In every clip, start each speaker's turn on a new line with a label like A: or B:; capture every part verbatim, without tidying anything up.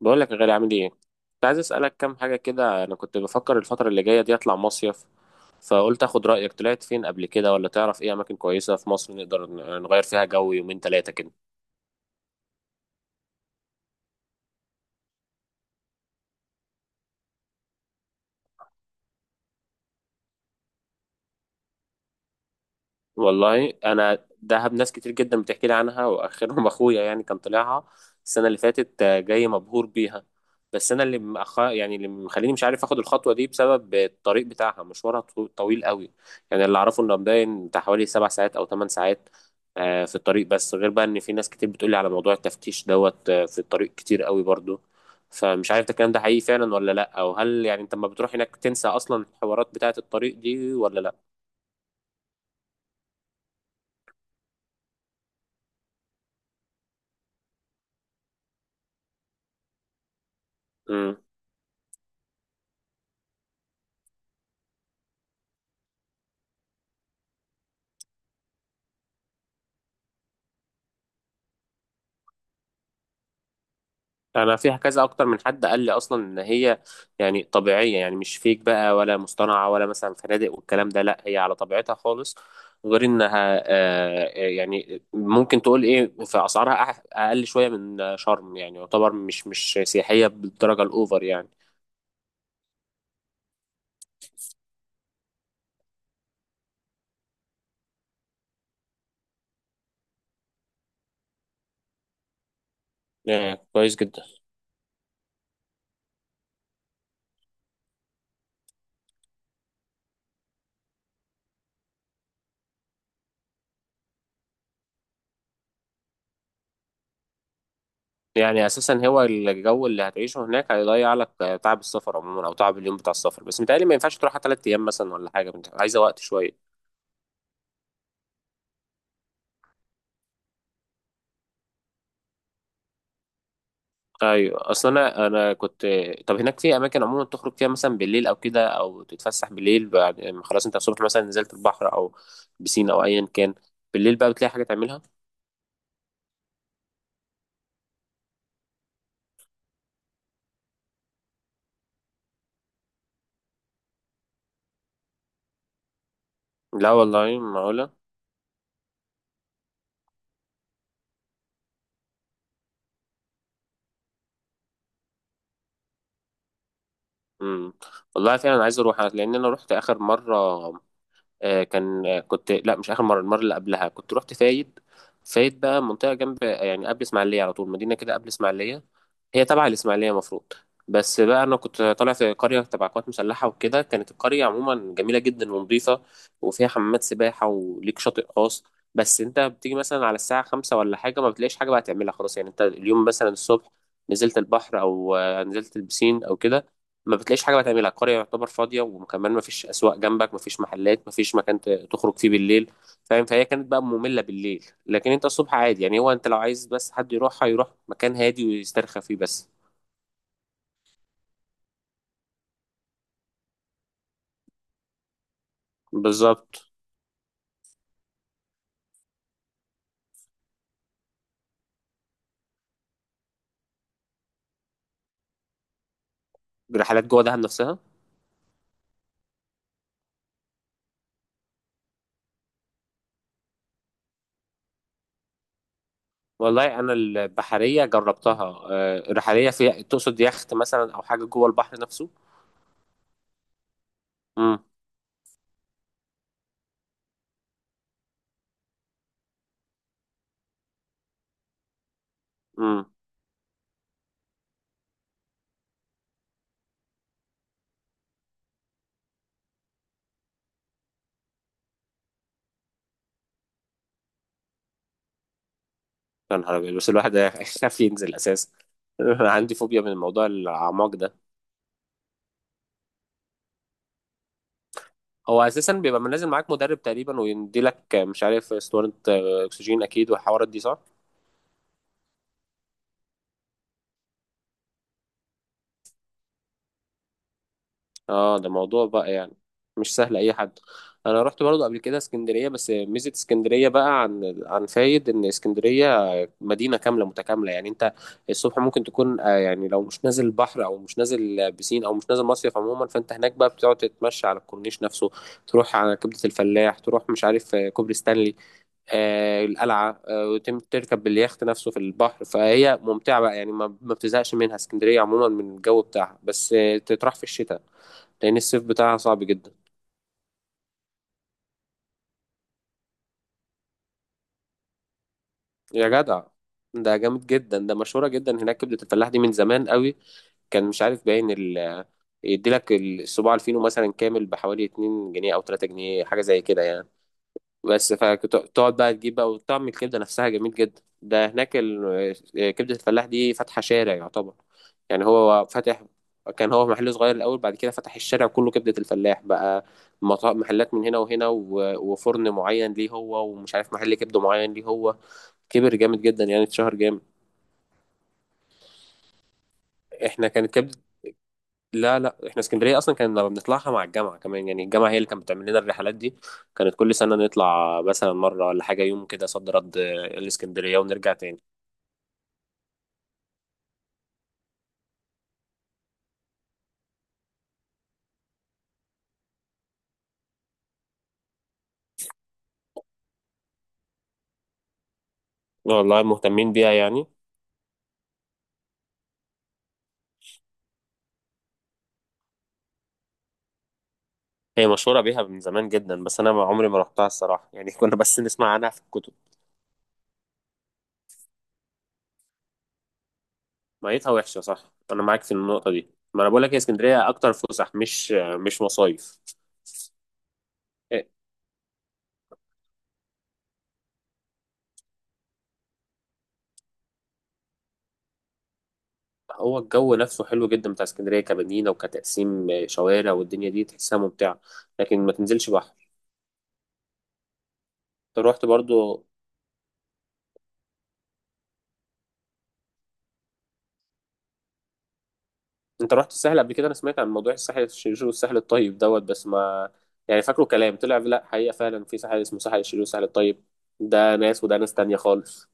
A: بقول لك يا غالي، عامل ايه؟ كنت عايز اسالك كام حاجه كده. انا كنت بفكر الفتره اللي جايه دي اطلع مصيف، فقلت اخد رايك. طلعت فين قبل كده ولا تعرف ايه اماكن كويسه في مصر نقدر نغير فيها جو يومين ثلاثه كده؟ والله انا دهب ناس كتير جدا بتحكي لي عنها، واخرهم اخويا، يعني كان طلعها السنه اللي فاتت، آه، جاي مبهور بيها. بس انا اللي مأخ... يعني اللي مخليني مش عارف اخد الخطوه دي بسبب الطريق بتاعها، مشوارها طو- طويل قوي. يعني اللي اعرفه انه مبين بتاع حوالي سبع ساعات او ثمان ساعات آه، في الطريق، بس غير بقى ان في ناس كتير بتقولي على موضوع التفتيش دوت آه، في الطريق كتير قوي برضو. فمش عارف ده الكلام ده حقيقي فعلا ولا لا، او هل يعني انت لما بتروح هناك تنسى اصلا الحوارات بتاعه الطريق دي ولا؟ لا، انا فيها كذا اكتر من حد قال لي اصلا ان هي يعني طبيعيه، يعني مش فيك بقى ولا مصطنعه ولا مثلا فنادق والكلام ده، لا هي على طبيعتها خالص. غير انها آه آه، يعني ممكن تقول ايه في اسعارها أح- اقل شويه من شرم، يعني يعتبر مش مش سياحيه بالدرجه الاوفر يعني. آه، كويس جدا. يعني اساسا هو الجو اللي هتعيشه هناك هيضيع لك آه، تعب السفر عموما او تعب اليوم بتاع السفر، بس متهيألي ما ينفعش تروح 3 ايام مثلا ولا حاجه، عايزه وقت شويه. ايوه، اصل انا انا كنت. طب هناك في اماكن عموما تخرج فيها مثلا بالليل او كده، او تتفسح بالليل بعد ما خلاص انت الصبح مثلا نزلت البحر او بسين او ايا كان، بالليل بقى بتلاقي حاجه تعملها؟ لا والله، معقوله؟ امم. والله فعلا عايز اروح، لان انا رحت اخر مره آه، كان، آه، كنت، لا مش اخر مره، المره اللي قبلها كنت رحت فايد. فايد بقى منطقه جنب، يعني قبل اسماعيليه على طول، مدينه كده قبل اسماعيليه. هي تبع الإسماعيلية مفروض. بس بقى أنا كنت طالع في قرية تبع قوات مسلحة وكده، كانت القرية عموما جميلة جدا ونظيفة، وفيها حمامات سباحة وليك شاطئ خاص. بس أنت بتيجي مثلا على الساعة خمسة ولا حاجة ما بتلاقيش حاجة بقى تعملها خلاص، يعني أنت اليوم مثلا الصبح نزلت البحر أو آه، نزلت البسين أو كده، ما بتلاقيش حاجة بقى تعملها. القرية يعتبر فاضية، وكمان ما فيش أسواق جنبك، ما فيش محلات، ما فيش مكان ت- تخرج فيه بالليل. فاهم؟ فهي كانت بقى مملة بالليل، لكن انت الصبح عادي. يعني هو انت لو عايز بس حد يروحها يروح مكان هادي ويسترخى فيه بس. بالظبط. رحلات جوه دهب نفسها؟ والله انا البحرية جربتها، آه، رحلية فيها تقصد يخت مثلا او حاجة جوه البحر نفسه؟ امم. امم. يا نهار ابيض! بس الواحد يخاف ينزل اساسا. انا عندي فوبيا من موضوع الاعماق ده. هو اساسا بيبقى نازل معاك مدرب تقريبا، ويديلك آه، مش عارف اسطوانة آه، اكسجين اكيد والحوارات دي، صح؟ اه، ده موضوع بقى يعني، مش سهل اي حد. انا رحت برضو قبل كده اسكندريه، بس ميزه اسكندريه بقى عن عن فايد ان اسكندريه مدينه كامله متكامله. يعني انت الصبح ممكن تكون آه، يعني لو مش نازل بحر، او مش نازل آه، بسين، او مش نازل مصيف عموما، فانت هناك بقى بتقعد تتمشى على الكورنيش نفسه. تروح على كبده الفلاح، تروح مش عارف آه، كوبري ستانلي، آه القلعه، آه وتم- تركب اليخت نفسه في البحر. فهي ممتعه بقى، يعني ما ما بتزهقش منها اسكندريه عموما من الجو بتاعها، بس آه، تتراح في الشتاء لان الصيف بتاعها صعب جدا. يا جدع، ده جامد جدا. ده مشهوره جدا هناك كبده الفلاح دي من زمان قوي. كان مش عارف باين ال، يديلك الصباع الفينو مثلا كامل بحوالي اتنين جنيه او تلات جنيه، حاجه زي كده يعني. بس فتقعد بقى تجيب بقى، وطعم الكبده نفسها جميل جدا. ده هناك ال- آه، كبده الفلاح دي فاتحه شارع يعتبر. يعني هو فاتح، كان هو محل صغير الاول، بعد كده فتح الشارع كله كبده الفلاح بقى. مطا- محلات من هنا وهنا، و- وفرن معين ليه هو، ومش عارف محل كبده معين ليه هو. كبر جامد جدا، يعني اتشهر جامد. احنا كانت كبده، لا لا احنا اسكندريه اصلا كنا بنطلعها مع الجامعه كمان. يعني الجامعه هي اللي كانت بتعمل لنا الرحلات دي، كانت كل سنه نطلع مثلا مره ولا حاجه يوم كده صد رد آه، الاسكندريه، ونرجع تاني. والله مهتمين بيها يعني. هي مشهوره بيها من زمان جدا، بس انا ما عمري ما رحتها الصراحه يعني. كنا بس نسمع عنها في الكتب. ميتها وحشه، صح، انا معاك في النقطه دي. ما انا بقول لك، هي اسكندريه اكتر فسح، مش آه، مش مصايف. إيه، هو الجو نفسه حلو جدا بتاع اسكندريه كمدينه، وكتقسيم آه، شوارع، والدنيا دي تحسها ممتعه، لكن ما تنزلش بحر. انت رحت برضو؟ انت رحت الساحل قبل كده؟ انا سمعت عن موضوع الساحل الشرير والساحل الطيب دوت، بس ما يعني فاكره كلام طلع. لا، حقيقة فعلا في ساحل اسمه ساحل الشرير والساحل الطيب، ده ناس وده ناس تانية خالص؟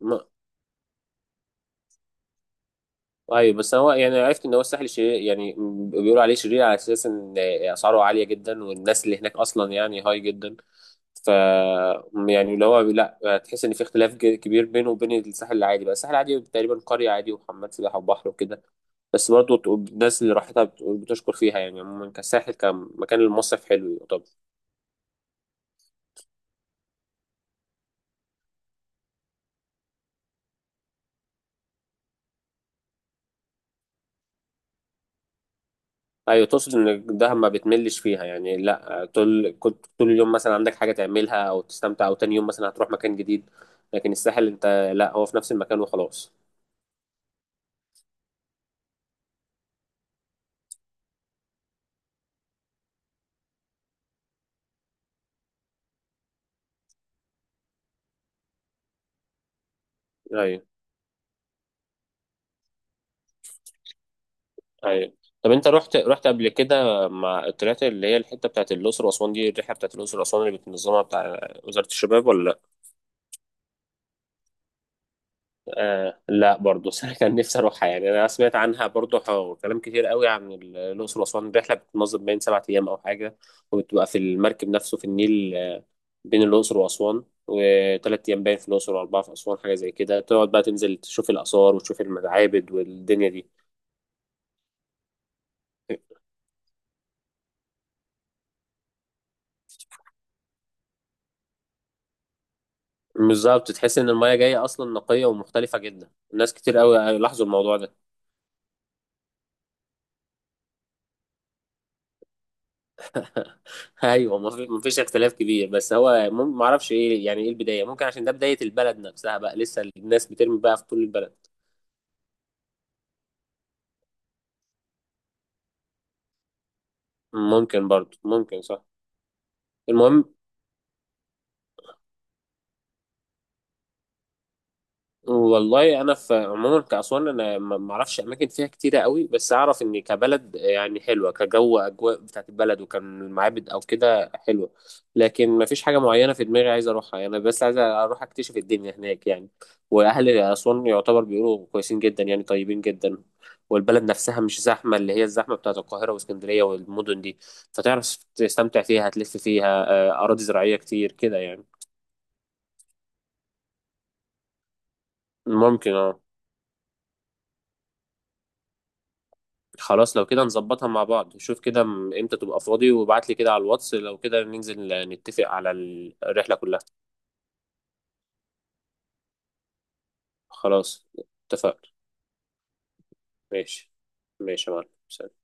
A: ما... ايوه، بس هو يعني عرفت ان هو الساحل الشرير، يعني م- بيقولوا عليه شرير على اساس ان اسعاره عالية جدا والناس اللي هناك اصلا يعني هاي جدا. ف، يعني اللي هو لا، تحس ان في اختلاف ج- كبير بينه وبين الساحل العادي بقى. الساحل العادي تقريبا قرية عادي وحمام سباحة وبحر وكده، بس برضه تقول- الناس اللي راحتها بتقول بتشكر فيها. يعني عموما كساحل كمكان المصيف حلو. طب. ايوه، تقصد ان دهب ما بتملش فيها يعني؟ لا طول كنت، طول اليوم مثلا عندك حاجه تعملها او تستمتع، او تاني يوم مثلا هتروح مكان جديد. لكن الساحل انت لا، هو في نفس المكان وخلاص. ايوه. ايوه، طب انت رحت، رحت قبل كده مع طلعت اللي هي الحته بتاعت الاقصر واسوان دي، الرحله بتاعت الاقصر واسوان اللي بتنظمها بتاع وزاره الشباب ولا؟ آه لا برضه، بس انا كان نفسي اروحها. يعني انا سمعت عنها برضه، ح- كلام كتير قوي عن ال- الاقصر واسوان. الرحله بتتنظم بين سبعة ايام او حاجه، وبتبقى في المركب نفسه في النيل، آه، بين الاقصر واسوان، وثلاث ايام باين في الاقصر واربعه في اسوان، حاجه زي كده. تقعد بقى تنزل تشوف الاثار وتشوف المعابد والدنيا دي. بالظبط، تحس ان المايه جايه اصلا نقيه ومختلفه جدا، الناس كتير قوي آه، لاحظوا الموضوع ده. ايوه، مفي- مفيش اختلاف كبير، بس هو مم- معرفش ايه، يعني ايه البدايه، ممكن عشان ده بدايه البلد نفسها بقى، لسه الناس بترمي بقى في طول البلد. ممكن برضو، ممكن، صح؟ المهم، والله انا في عموما كاسوان انا ما ما اعرفش اماكن فيها كتيره قوي، بس اعرف ان كبلد يعني حلوه كجو، اجواء بتاعت البلد، وكان المعابد او كده حلوه. لكن ما فيش حاجه معينه في دماغي عايز اروحها يعني، بس عايز اروح اكتشف الدنيا هناك يعني. واهل اسوان يعتبر بيقولوا كويسين جدا، يعني طيبين جدا. والبلد نفسها مش زحمه اللي هي الزحمه بتاعت القاهره واسكندريه والمدن دي، فتعرف تستمتع فيها. هتلف فيها آه، اراضي زراعيه كتير كده يعني. ممكن، اه. خلاص لو كده نظبطها مع بعض. شوف كده م- امتى تبقى فاضي، وابعت لي كده على الواتس، لو كده ننزل نتفق على الرحلة كلها. خلاص، اتفقنا. ماشي. ماشي يا معلم.